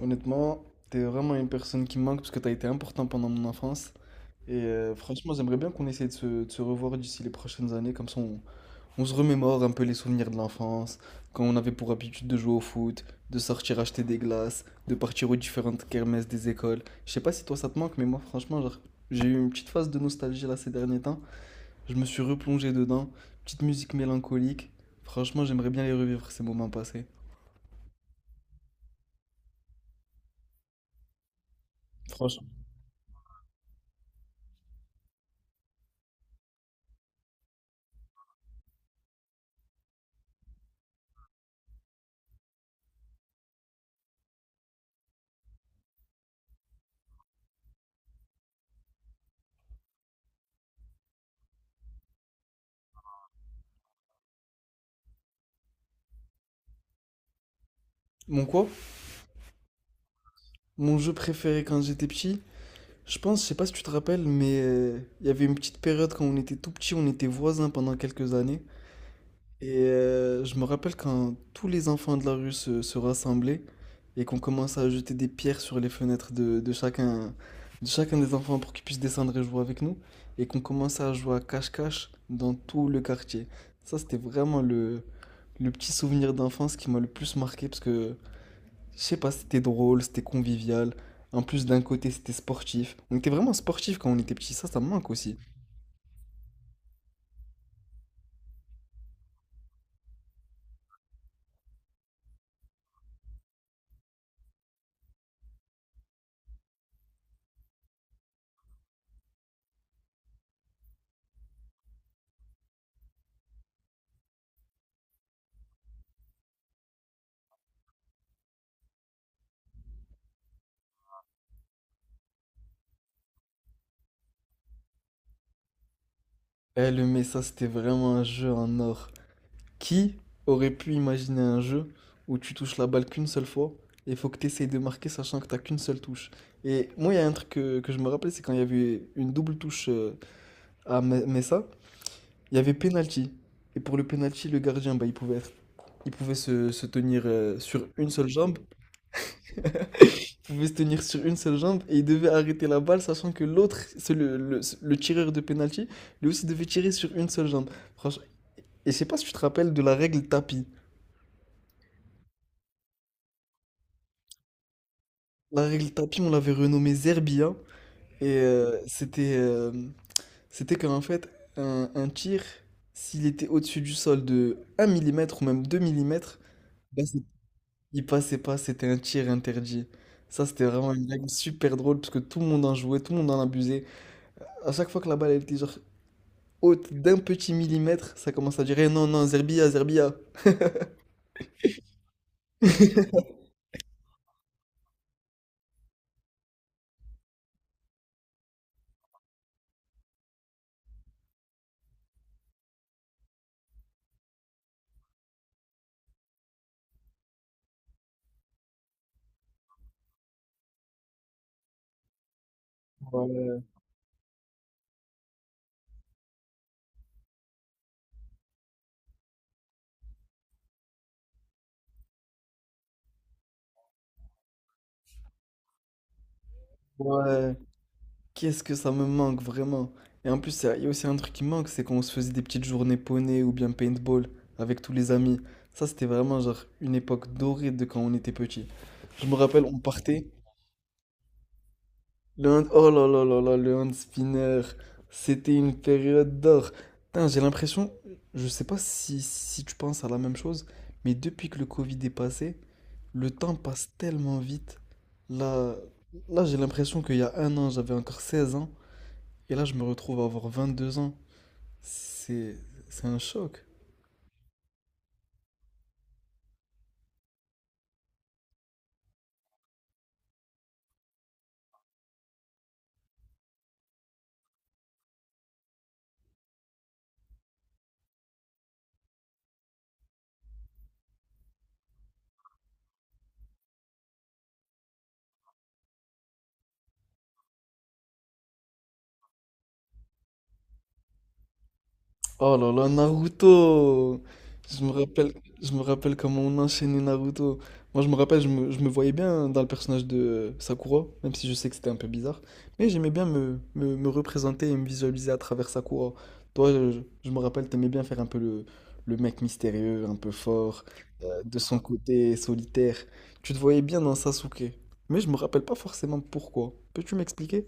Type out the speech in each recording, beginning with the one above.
Honnêtement, t'es vraiment une personne qui me manque parce que t'as été important pendant mon enfance. Franchement, j'aimerais bien qu'on essaie de se revoir d'ici les prochaines années. Comme ça, on se remémore un peu les souvenirs de l'enfance, quand on avait pour habitude de jouer au foot, de sortir acheter des glaces, de partir aux différentes kermesses des écoles. Je sais pas si toi ça te manque, mais moi, franchement, genre, j'ai eu une petite phase de nostalgie là ces derniers temps. Je me suis replongé dedans. Petite musique mélancolique. Franchement, j'aimerais bien les revivre, ces moments passés. Franchement. Mon quoi? Mon jeu préféré quand j'étais petit? Je pense, je sais pas si tu te rappelles, mais il y avait une petite période quand on était tout petit, on était voisins pendant quelques années. Je me rappelle quand tous les enfants de la rue se rassemblaient et qu'on commençait à jeter des pierres sur les fenêtres de chacun des enfants pour qu'ils puissent descendre et jouer avec nous. Et qu'on commençait à jouer à cache-cache dans tout le quartier. Ça, c'était vraiment le petit souvenir d'enfance qui m'a le plus marqué parce que je sais pas, c'était drôle, c'était convivial. En plus, d'un côté, c'était sportif. On était vraiment sportif quand on était petit, ça me manque aussi. Eh, le Mesa, c'était vraiment un jeu en or. Qui aurait pu imaginer un jeu où tu touches la balle qu'une seule fois et il faut que tu essayes de marquer sachant que t'as qu'une seule touche. Et moi, il y a un truc que je me rappelais, c'est quand il y avait une double touche à Mesa, il y avait penalty. Et pour le penalty, le gardien, bah, il pouvait se tenir sur une seule jambe, pouvait se tenir sur une seule jambe et il devait arrêter la balle, sachant que l'autre, c'est le tireur de penalty, lui aussi devait tirer sur une seule jambe. Franchement, et je sais pas si tu te rappelles de la règle tapis. La règle tapis, on l'avait renommée Zerbia et c'était qu'en fait un tir, s'il était au-dessus du sol de un millimètre ou même 2 millimètres, bah, c'est- il passait pas, c'était un tir interdit. Ça, c'était vraiment une règle super drôle parce que tout le monde en jouait, tout le monde en abusait. À chaque fois que la balle elle était genre haute d'un petit millimètre, ça commence à durer. Non, non, Zerbia, Zerbia. Ouais, ouais. Qu'est-ce que ça me manque vraiment. Et en plus, il y a aussi un truc qui manque, c'est quand on se faisait des petites journées poney ou bien paintball avec tous les amis. Ça, c'était vraiment genre une époque dorée de quand on était petit. Je me rappelle, on partait. Le hand, oh là là là là, le hand spinner, c'était une période d'or. Putain, j'ai l'impression, je sais pas si, si tu penses à la même chose, mais depuis que le Covid est passé, le temps passe tellement vite. Là, là j'ai l'impression qu'il y a un an, j'avais encore 16 ans, et là, je me retrouve à avoir 22 ans. C'est, c'est un choc. Oh là là, Naruto! Je me rappelle, je me rappelle comment on enchaînait Naruto. Moi, je me rappelle, je me voyais bien dans le personnage de Sakura, même si je sais que c'était un peu bizarre. Mais j'aimais bien me représenter et me visualiser à travers Sakura. Toi, me rappelle, t'aimais bien faire un peu le mec mystérieux, un peu fort, de son côté solitaire. Tu te voyais bien dans Sasuke. Mais je me rappelle pas forcément pourquoi. Peux-tu m'expliquer?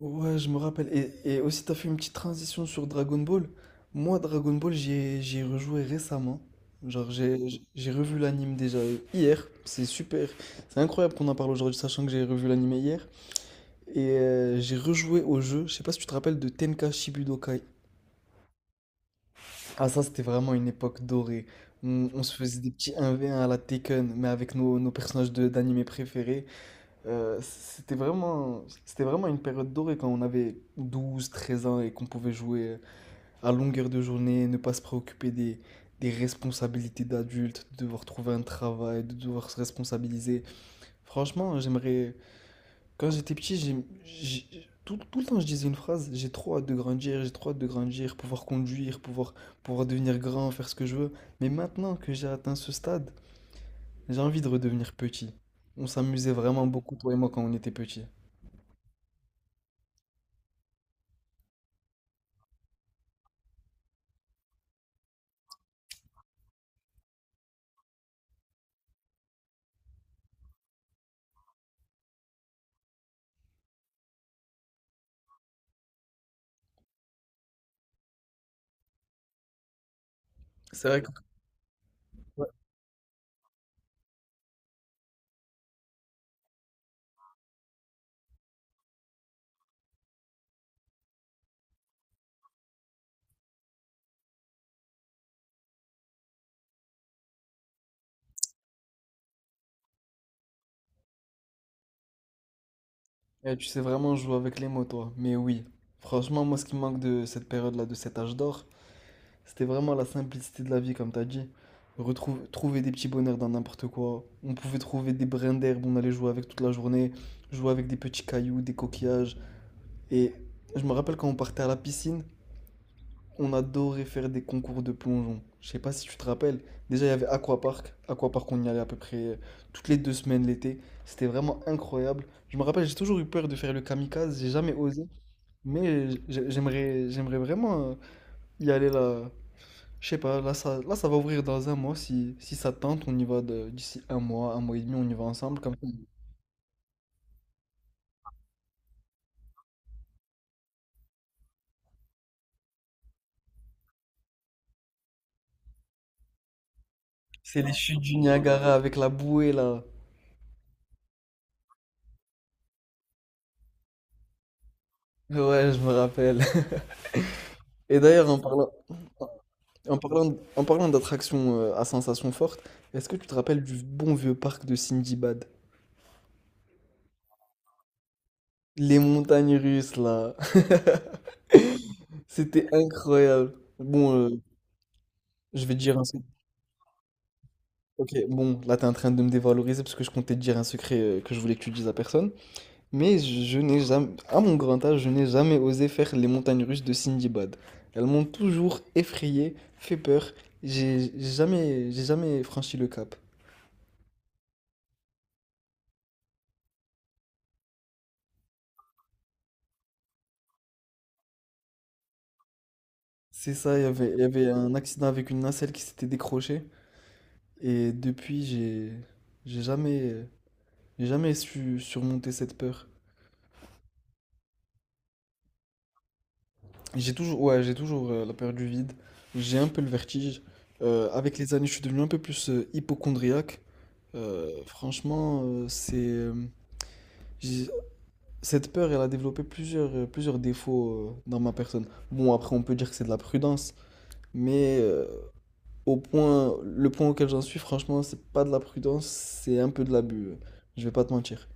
Ouais, je me rappelle. Et aussi, t'as fait une petite transition sur Dragon Ball. Moi, Dragon Ball, j'y ai rejoué récemment. Genre, j'ai revu l'anime déjà hier. C'est super. C'est incroyable qu'on en parle aujourd'hui, sachant que j'ai revu l'anime hier. J'ai rejoué au jeu. Je sais pas si tu te rappelles de Tenka Shibudokai. Ah, ça, c'était vraiment une époque dorée. On se faisait des petits 1v1 à la Tekken, mais avec nos personnages d'anime préférés. C'était vraiment une période dorée quand on avait 12 13 ans et qu'on pouvait jouer à longueur de journée, ne pas se préoccuper des responsabilités d'adulte, de devoir trouver un travail, de devoir se responsabiliser. Franchement, j'aimerais. Quand j'étais petit, tout le temps je disais une phrase, j'ai trop hâte de grandir, j'ai trop hâte de grandir, pouvoir conduire, pouvoir devenir grand, faire ce que je veux. Mais maintenant que j'ai atteint ce stade, j'ai envie de redevenir petit. On s'amusait vraiment beaucoup, toi et moi, quand on était petit. C'est vrai. Ouais. Eh, tu sais vraiment jouer avec les mots, toi. Mais oui, franchement, moi, ce qui me manque de cette période-là, de cet âge d'or, c'était vraiment la simplicité de la vie, comme t'as dit. Trouver des petits bonheurs dans n'importe quoi. On pouvait trouver des brins d'herbe, on allait jouer avec toute la journée, jouer avec des petits cailloux, des coquillages. Et je me rappelle quand on partait à la piscine, on adorait faire des concours de plongeon. Je sais pas si tu te rappelles. Déjà, il y avait Aquapark. Aquapark, on y allait à peu près toutes les deux semaines l'été. C'était vraiment incroyable. Je me rappelle, j'ai toujours eu peur de faire le kamikaze. J'ai jamais osé. J'aimerais vraiment y aller là. Je sais pas, là ça va ouvrir dans un mois. Si ça te tente, on y va d'ici un mois et demi, on y va ensemble. Comme ça. C'est les chutes du Niagara avec la bouée là. Ouais, je me rappelle. Et d'ailleurs, en parlant, En parlant, en parlant d'attractions à sensations fortes, est-ce que tu te rappelles du bon vieux parc de Sindibad? Les montagnes russes, là. C'était incroyable. Je vais te dire un secret. Ok, bon, là, t'es en train de me dévaloriser parce que je comptais te dire un secret que je voulais que tu dises à personne. Mais je n'ai jamais, à mon grand âge, je n'ai jamais osé faire les montagnes russes de Sindibad. Elles m'ont toujours effrayé, fait peur. J'ai jamais franchi le cap. C'est ça, il y avait un accident avec une nacelle qui s'était décrochée. Et depuis, j'ai jamais, j'ai jamais su surmonter cette peur. J'ai toujours, ouais, j'ai toujours la peur du vide. J'ai un peu le vertige. Avec les années, je suis devenu un peu plus hypochondriaque. Euh, franchement, euh, c'est, euh, j'ai- Cette peur, elle a développé plusieurs défauts dans ma personne. Bon, après, on peut dire que c'est de la prudence, mais le point auquel j'en suis, franchement, c'est pas de la prudence, c'est un peu de l'abus. Je vais pas te mentir.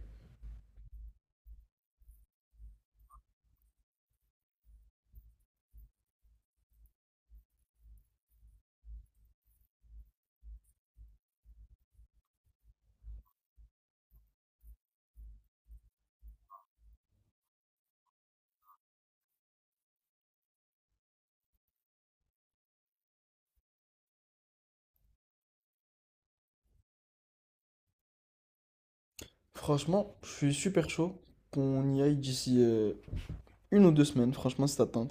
Franchement, je suis super chaud qu'on y aille d'ici une ou deux semaines. Franchement, si t'attends.